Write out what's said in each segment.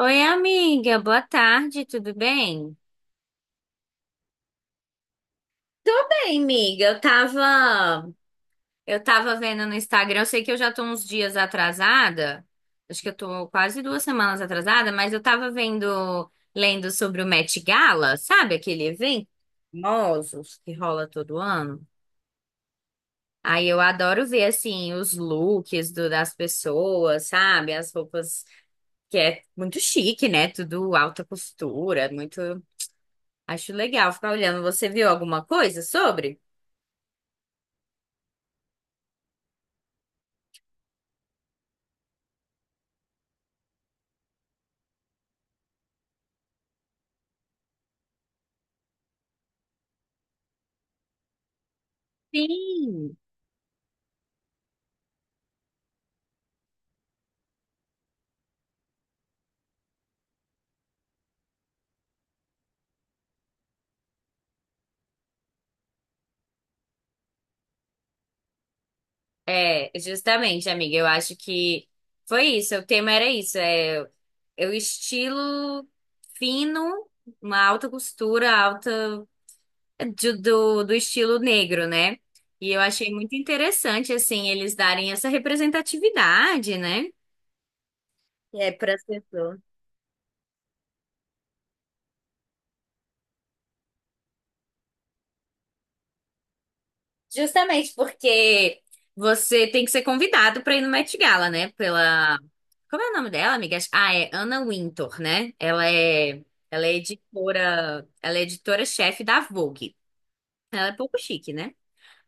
Oi, amiga, boa tarde, tudo bem? Tô bem, amiga. Eu tava vendo no Instagram, eu sei que eu já tô uns dias atrasada, acho que eu tô quase duas semanas atrasada, mas eu tava vendo, lendo sobre o Met Gala. Sabe aquele evento famosos que rola todo ano? Aí eu adoro ver, assim, os das pessoas, sabe? As roupas, que é muito chique, né? Tudo alta costura, muito. Acho legal ficar olhando. Você viu alguma coisa sobre? Sim. É, justamente, amiga, eu acho que foi isso. O tema era isso. É, é o estilo fino, uma alta costura, alta do estilo negro, né? E eu achei muito interessante, assim, eles darem essa representatividade, né? É, para as pessoas. Justamente porque você tem que ser convidado pra ir no Met Gala, né? Pela. Como é o nome dela, amigas? Ah, é Anna Wintour, né? Ela é editora, ela é editora-chefe da Vogue. Ela é pouco chique, né?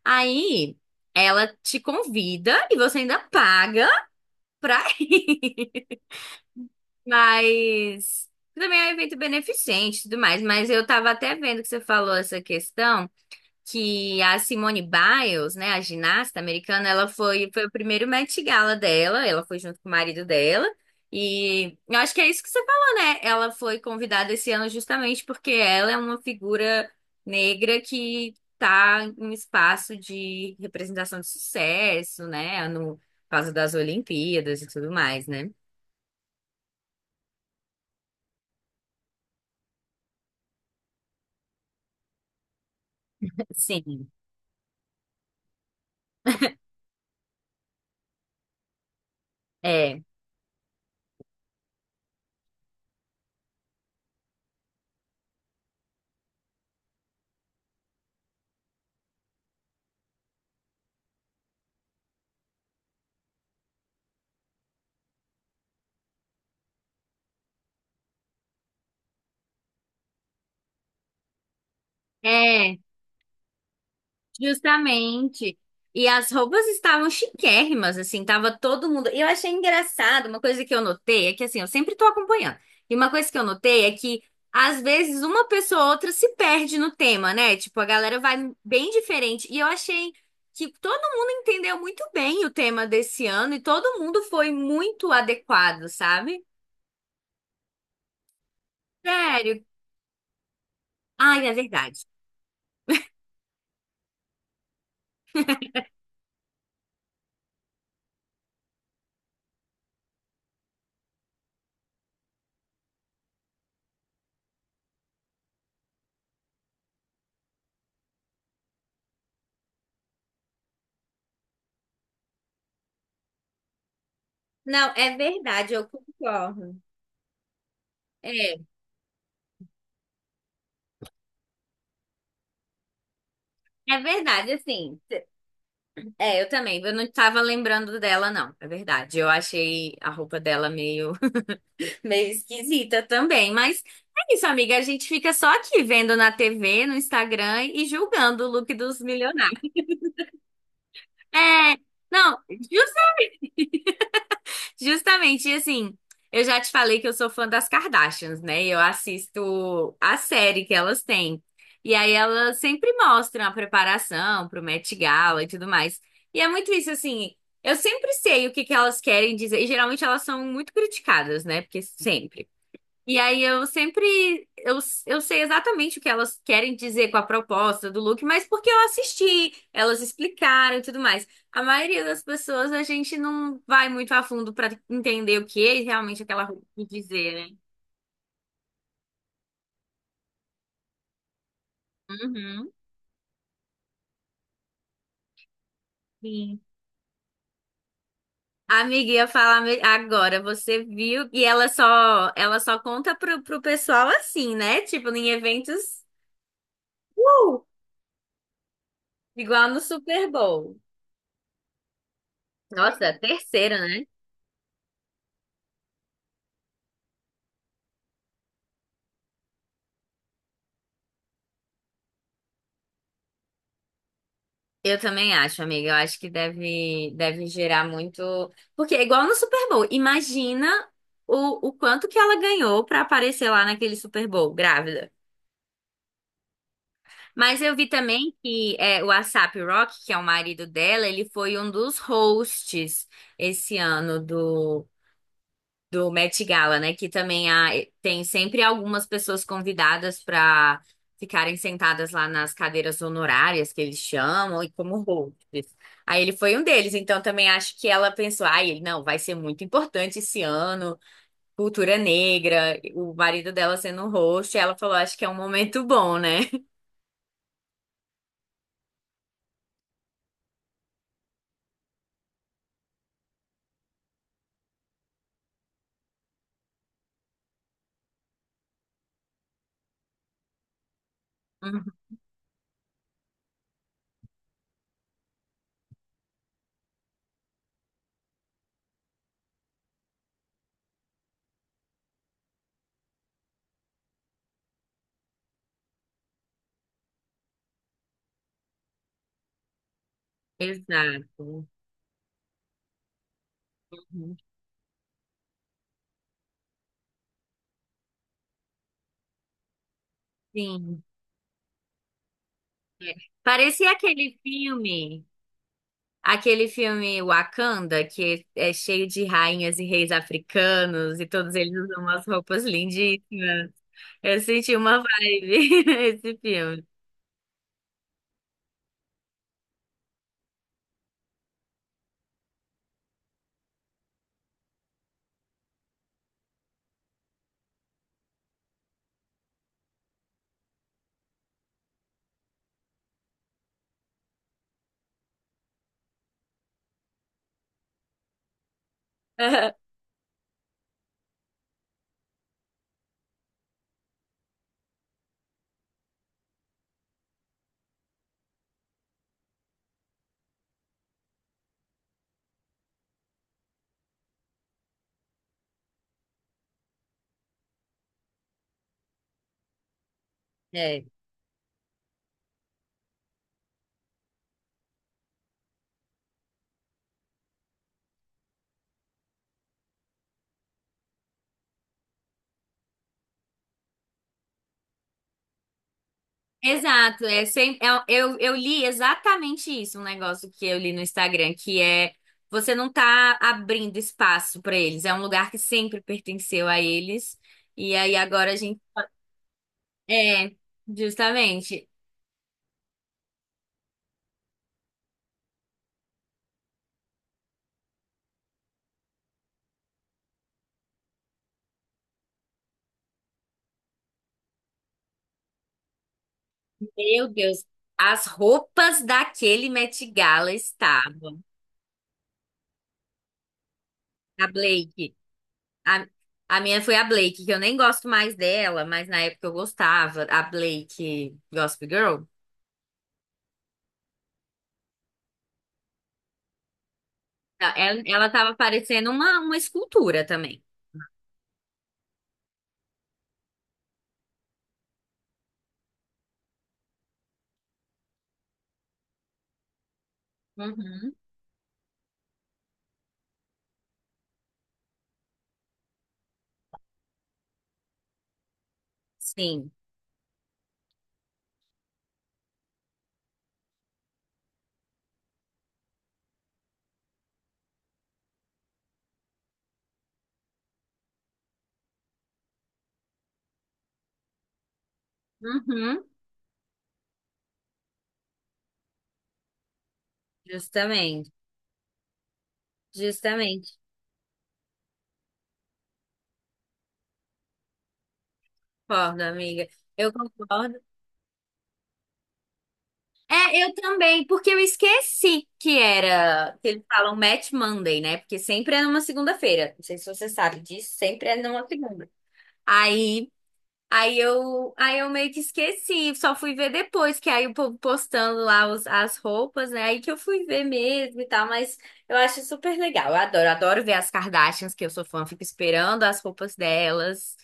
Aí ela te convida e você ainda paga pra ir. Mas também é um evento beneficente e tudo mais. Mas eu tava até vendo que você falou essa questão, que a Simone Biles, né, a ginasta americana, ela foi o primeiro Met Gala dela, ela foi junto com o marido dela. E eu acho que é isso que você falou, né? Ela foi convidada esse ano justamente porque ela é uma figura negra que tá em um espaço de representação de sucesso, né? No por causa das Olimpíadas e tudo mais, né? Sim. É. É. Justamente. E as roupas estavam chiquérrimas, assim, tava todo mundo. E eu achei engraçado, uma coisa que eu notei é que, assim, eu sempre tô acompanhando. E uma coisa que eu notei é que, às vezes, uma pessoa ou outra se perde no tema, né? Tipo, a galera vai bem diferente. E eu achei que todo mundo entendeu muito bem o tema desse ano e todo mundo foi muito adequado, sabe? Sério. Ai, é verdade. Não, é verdade, eu concordo. É, é verdade, assim. É, eu também. Eu não tava lembrando dela, não. É verdade. Eu achei a roupa dela meio, meio esquisita também. Mas é isso, amiga. A gente fica só aqui vendo na TV, no Instagram e julgando o look dos milionários. É, não, justamente, e assim, eu já te falei que eu sou fã das Kardashians, né? Eu assisto a série que elas têm. E aí elas sempre mostram a preparação pro Met Gala e tudo mais. E é muito isso, assim, eu sempre sei o que que elas querem dizer. E geralmente elas são muito criticadas, né? Porque sempre. E aí eu sempre eu sei exatamente o que elas querem dizer com a proposta do look, mas porque eu assisti, elas explicaram e tudo mais. A maioria das pessoas a gente não vai muito a fundo pra entender o que é realmente aquela roupa quer dizer, né? Uhum. Sim. A amiga, ia agora, você viu? E ela só conta pro pessoal assim, né? Tipo, em eventos, uh, igual no Super Bowl. Nossa, terceira, né? Eu também acho, amiga. Eu acho que deve gerar muito. Porque é igual no Super Bowl. Imagina o quanto que ela ganhou pra aparecer lá naquele Super Bowl, grávida. Mas eu vi também que é, o ASAP Rocky, que é o marido dela, ele foi um dos hosts esse ano do Met Gala, né? Que também há, tem sempre algumas pessoas convidadas para ficarem sentadas lá nas cadeiras honorárias que eles chamam e como hosts. Aí ele foi um deles, então também acho que ela pensou, ai, ele não, vai ser muito importante esse ano, cultura negra, o marido dela sendo um host, ela falou, acho que é um momento bom, né? Uhum. Exato. Uhum. Sim. É. Parecia aquele filme. Aquele filme Wakanda, que é cheio de rainhas e reis africanos, e todos eles usam umas roupas lindíssimas. Eu senti uma vibe esse filme. É. Exato, é sem, é- eu li exatamente isso, um negócio que eu li no Instagram, que é você não tá abrindo espaço pra eles, é um lugar que sempre pertenceu a eles, e aí agora a gente. É, justamente. Meu Deus, as roupas daquele Met Gala estavam. A Blake. A, a minha foi a Blake, que eu nem gosto mais dela, mas na época eu gostava. A Blake Gossip Girl. Ela tava parecendo uma escultura também. Uhum. Sim. Uhum. Justamente. Justamente. Concordo, amiga. Eu concordo. É, eu também, porque eu esqueci que era, que eles falam Match Monday, né? Porque sempre é numa segunda-feira. Não sei se você sabe disso, sempre é numa segunda. Aí, aí eu meio que esqueci, só fui ver depois, que aí o povo postando lá as roupas, né? Aí que eu fui ver mesmo e tal, mas eu acho super legal. Eu adoro, adoro ver as Kardashians, que eu sou fã, fico esperando as roupas delas.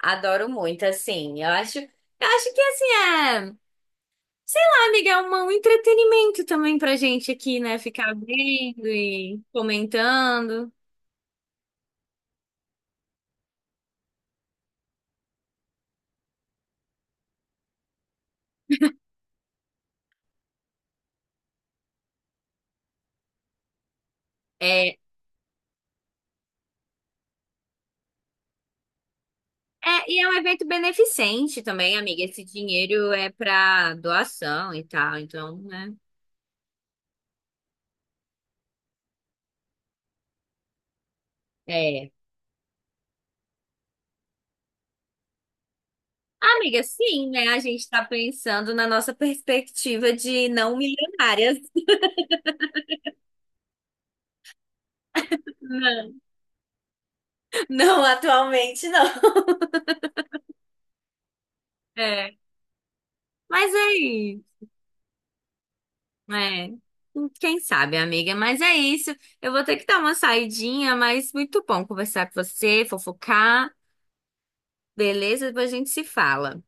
Adoro muito, assim. Eu acho que assim é. Sei lá, amiga, é um entretenimento também pra gente aqui, né? Ficar vendo e comentando. É, é, e é um evento beneficente também, amiga. Esse dinheiro é pra doação e tal, então, né? É. Amiga, sim, né? A gente tá pensando na nossa perspectiva de não milionárias. Não, não atualmente, não. É. Mas é isso. É, quem sabe, amiga, mas é isso. Eu vou ter que dar uma saidinha, mas muito bom conversar com você, fofocar, beleza? Depois a gente se fala.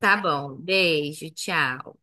Tá bom, beijo, tchau.